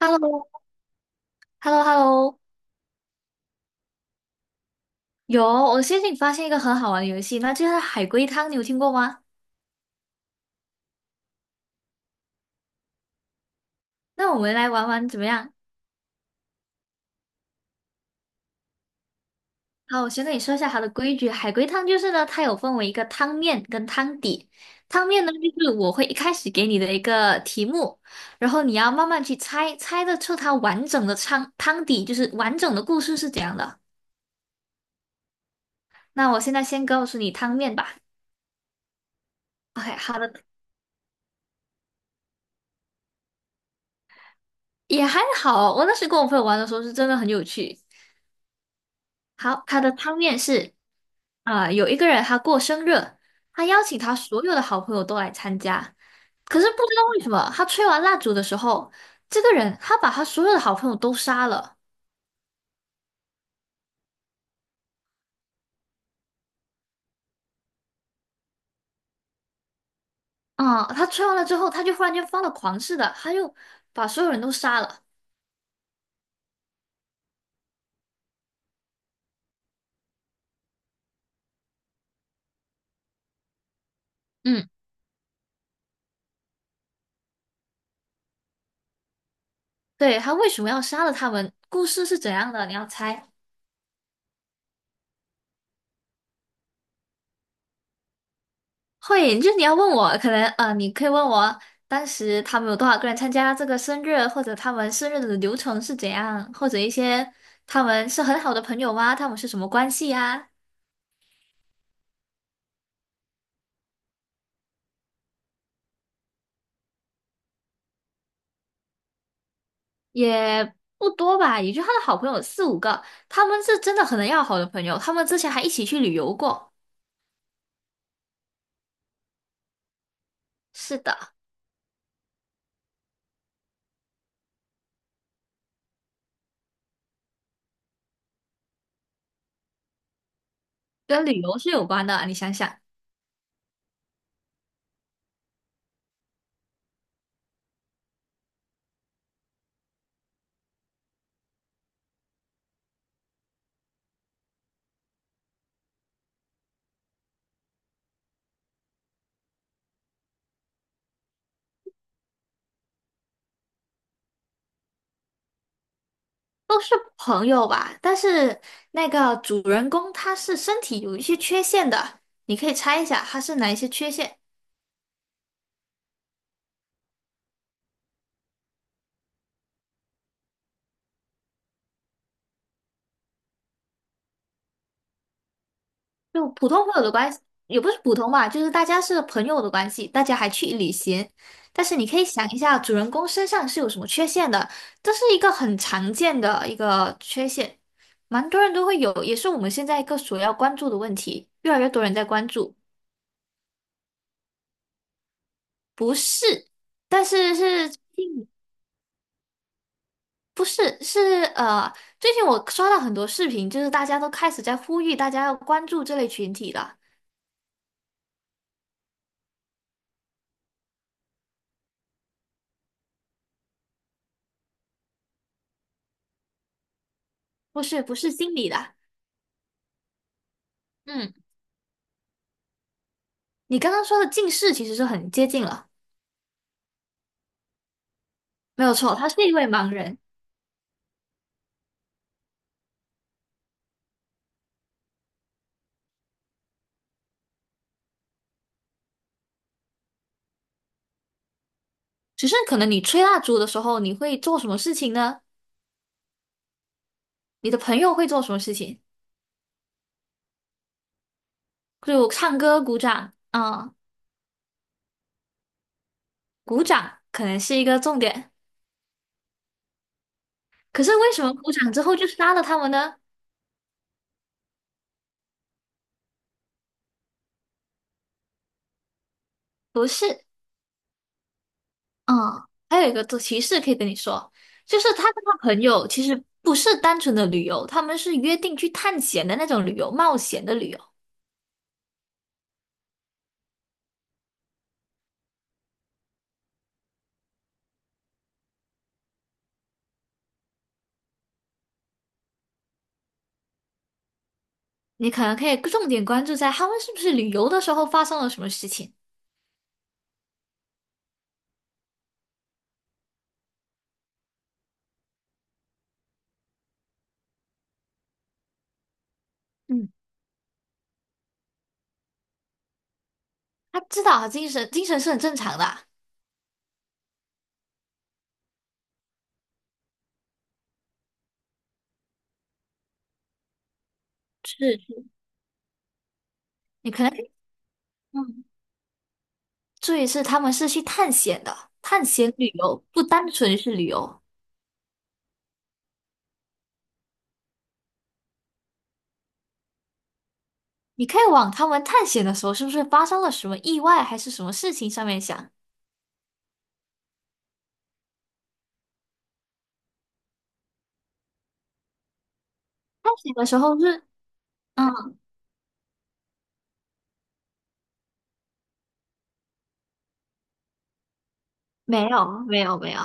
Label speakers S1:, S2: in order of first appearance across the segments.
S1: h e l l o hello hello 有，我最近发现一个很好玩的游戏，那就是海龟汤，你有听过吗？那我们来玩玩怎么样？好，我先跟你说一下它的规矩。海龟汤就是呢，它有分为一个汤面跟汤底。汤面呢，就是我会一开始给你的一个题目，然后你要慢慢去猜，猜得出它完整的汤底，就是完整的故事是怎样的。那我现在先告诉你汤面吧。OK，好的，也还好，我那时跟我朋友玩的时候是真的很有趣。好，他的汤面是，啊、有一个人他过生日，他邀请他所有的好朋友都来参加，可是不知道为什么，他吹完蜡烛的时候，这个人他把他所有的好朋友都杀了。啊、他吹完了之后，他就忽然间发了狂似的，他就把所有人都杀了。嗯，对，他为什么要杀了他们？故事是怎样的？你要猜？会，就是你要问我，可能你可以问我当时他们有多少个人参加这个生日，或者他们生日的流程是怎样，或者一些他们是很好的朋友吗？他们是什么关系呀？也不多吧，也就他的好朋友4、5个，他们是真的很要好的朋友，他们之前还一起去旅游过。是的，跟旅游是有关的，你想想，都是朋友吧，但是那个主人公他是身体有一些缺陷的，你可以猜一下他是哪一些缺陷。就普通朋友的关系，也不是普通吧，就是大家是朋友的关系，大家还去旅行。但是你可以想一下，主人公身上是有什么缺陷的，这是一个很常见的一个缺陷，蛮多人都会有，也是我们现在一个所要关注的问题，越来越多人在关注。不是，但是是嗯不是,最近我刷到很多视频，就是大家都开始在呼吁大家要关注这类群体了，不是不是心理的，嗯。你刚刚说的近视其实是很接近了，没有错，他是一位盲人。只是可能你吹蜡烛的时候，你会做什么事情呢？你的朋友会做什么事情？就唱歌、鼓掌啊、鼓掌可能是一个重点。可是为什么鼓掌之后就杀了他们呢？不是，嗯，还有一个提示可以跟你说，就是他跟他朋友其实不是单纯的旅游，他们是约定去探险的那种旅游，冒险的旅游。你可能可以重点关注在他们是不是旅游的时候发生了什么事情。嗯，他知道啊，精神是很正常的啊。是是，你可能嗯，注意是他们是去探险的，探险旅游不单纯是旅游。你可以往他们探险的时候是不是发生了什么意外还是什么事情上面想。探险的时候是嗯，没有没有没有，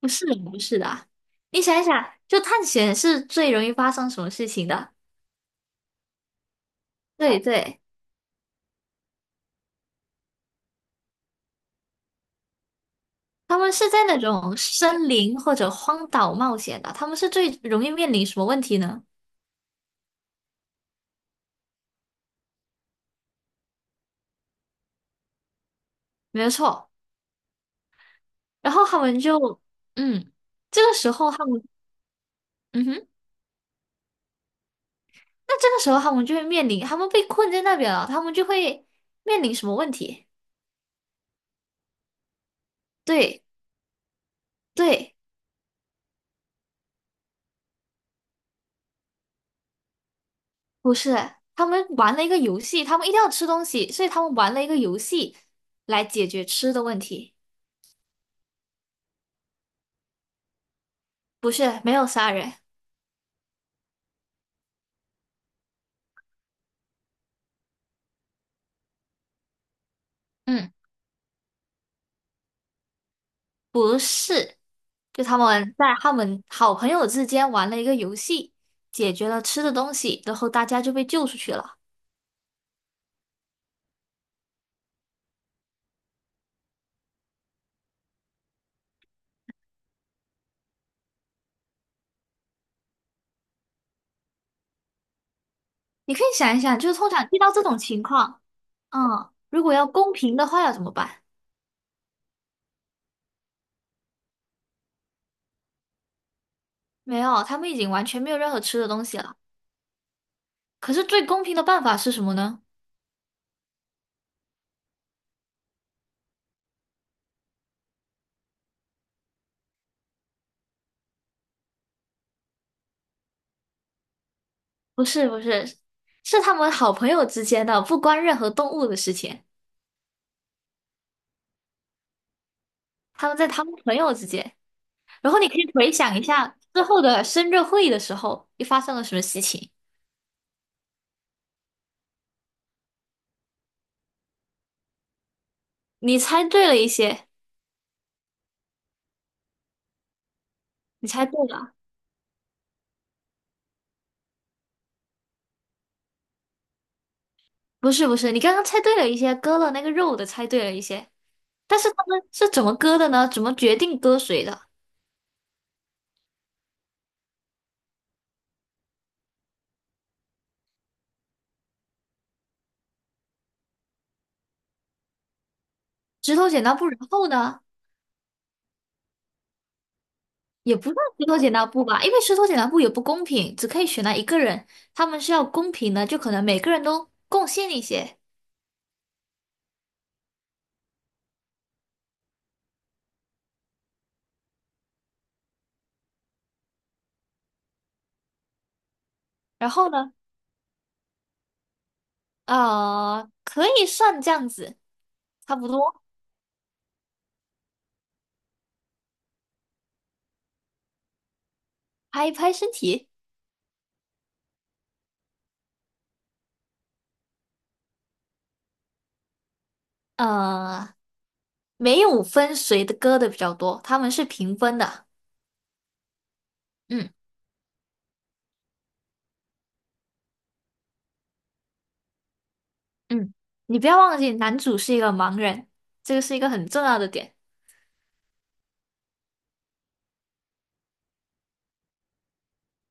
S1: 不是不是的啊。你想一想，就探险是最容易发生什么事情的？对对，他们是在那种森林或者荒岛冒险的，他们是最容易面临什么问题呢？没有错。然后他们就，嗯，这个时候他们，嗯哼，那这个时候他们就会面临，他们被困在那边了，他们就会面临什么问题？对对，不是，他们玩了一个游戏，他们一定要吃东西，所以他们玩了一个游戏来解决吃的问题。不是，没有杀人，嗯，不是，就他们在他们好朋友之间玩了一个游戏，解决了吃的东西，然后大家就被救出去了。你可以想一想，就是通常遇到这种情况。嗯，如果要公平的话要怎么办？没有，他们已经完全没有任何吃的东西了。可是最公平的办法是什么呢？不是不是，是他们好朋友之间的，不关任何动物的事情。他们在他们朋友之间，然后你可以回想一下之后的生日会的时候，又发生了什么事情？你猜对了一些，你猜对了，不是不是，你刚刚猜对了一些，割了那个肉的猜对了一些，但是他们是怎么割的呢？怎么决定割谁的？石头剪刀布，然后呢？也不算石头剪刀布吧，因为石头剪刀布也不公平，只可以选那一个人，他们是要公平的，就可能每个人都贡献一些。然后呢，可以算这样子，差不多，拍一拍身体，呃，没有分谁的歌的比较多，他们是平分的。嗯嗯，你不要忘记，男主是一个盲人，这个是一个很重要的点，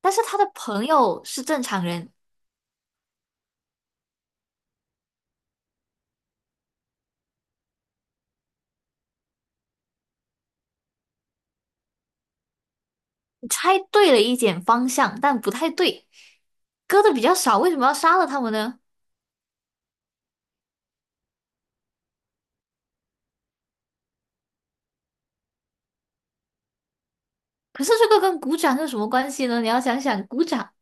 S1: 但是他的朋友是正常人，你猜对了一点方向，但不太对。割的比较少，为什么要杀了他们呢？可是这个跟鼓掌有什么关系呢？你要想想鼓掌，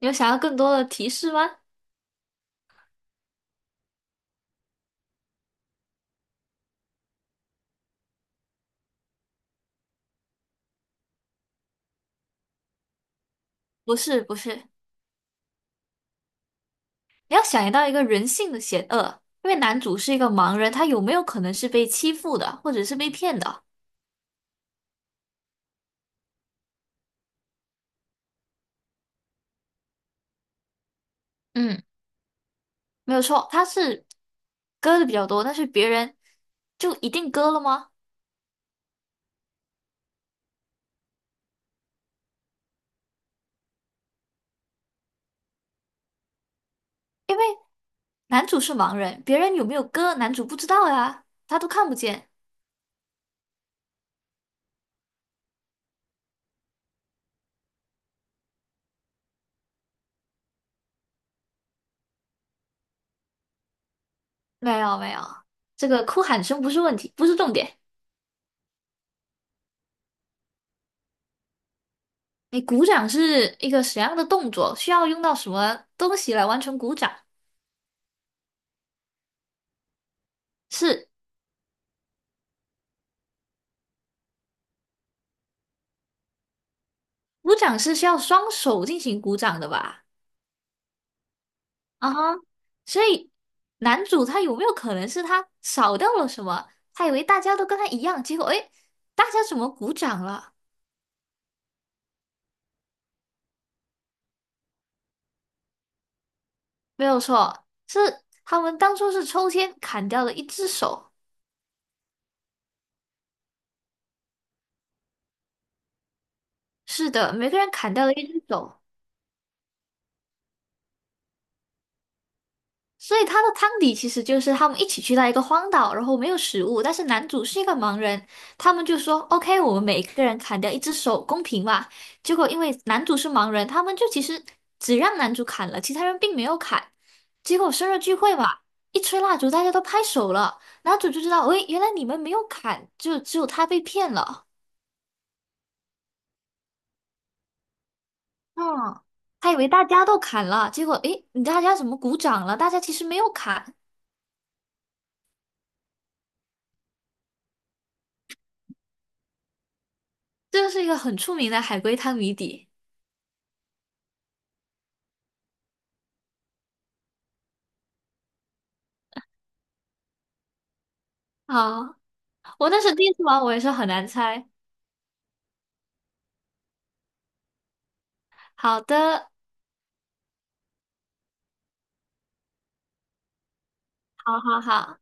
S1: 你有想要更多的提示吗？不是，不是，你要想到一个人性的险恶，因为男主是一个盲人，他有没有可能是被欺负的，或者是被骗的？嗯，没有错，他是割的比较多，但是别人就一定割了吗？男主是盲人，别人有没有割，男主不知道呀，他都看不见。没有没有，这个哭喊声不是问题，不是重点。你鼓掌是一个什么样的动作？需要用到什么东西来完成鼓掌？是，鼓掌是需要双手进行鼓掌的吧？啊哈，所以男主他有没有可能是他少掉了什么？他以为大家都跟他一样，结果诶，大家怎么鼓掌了？没有错，是他们当初是抽签砍掉了一只手。是的，每个人砍掉了一只手。所以他的汤底其实就是他们一起去到一个荒岛，然后没有食物，但是男主是一个盲人，他们就说 OK，我们每一个人砍掉一只手，公平吧。结果因为男主是盲人，他们就其实只让男主砍了，其他人并没有砍。结果生日聚会嘛，一吹蜡烛，大家都拍手了，男主就知道，喂，原来你们没有砍，就只有他被骗了。嗯，他以为大家都砍了，结果诶，你大家怎么鼓掌了？大家其实没有砍，这个是一个很出名的海龟汤谜底。好，我那是第一次玩，我也是很难猜。好的，好好好。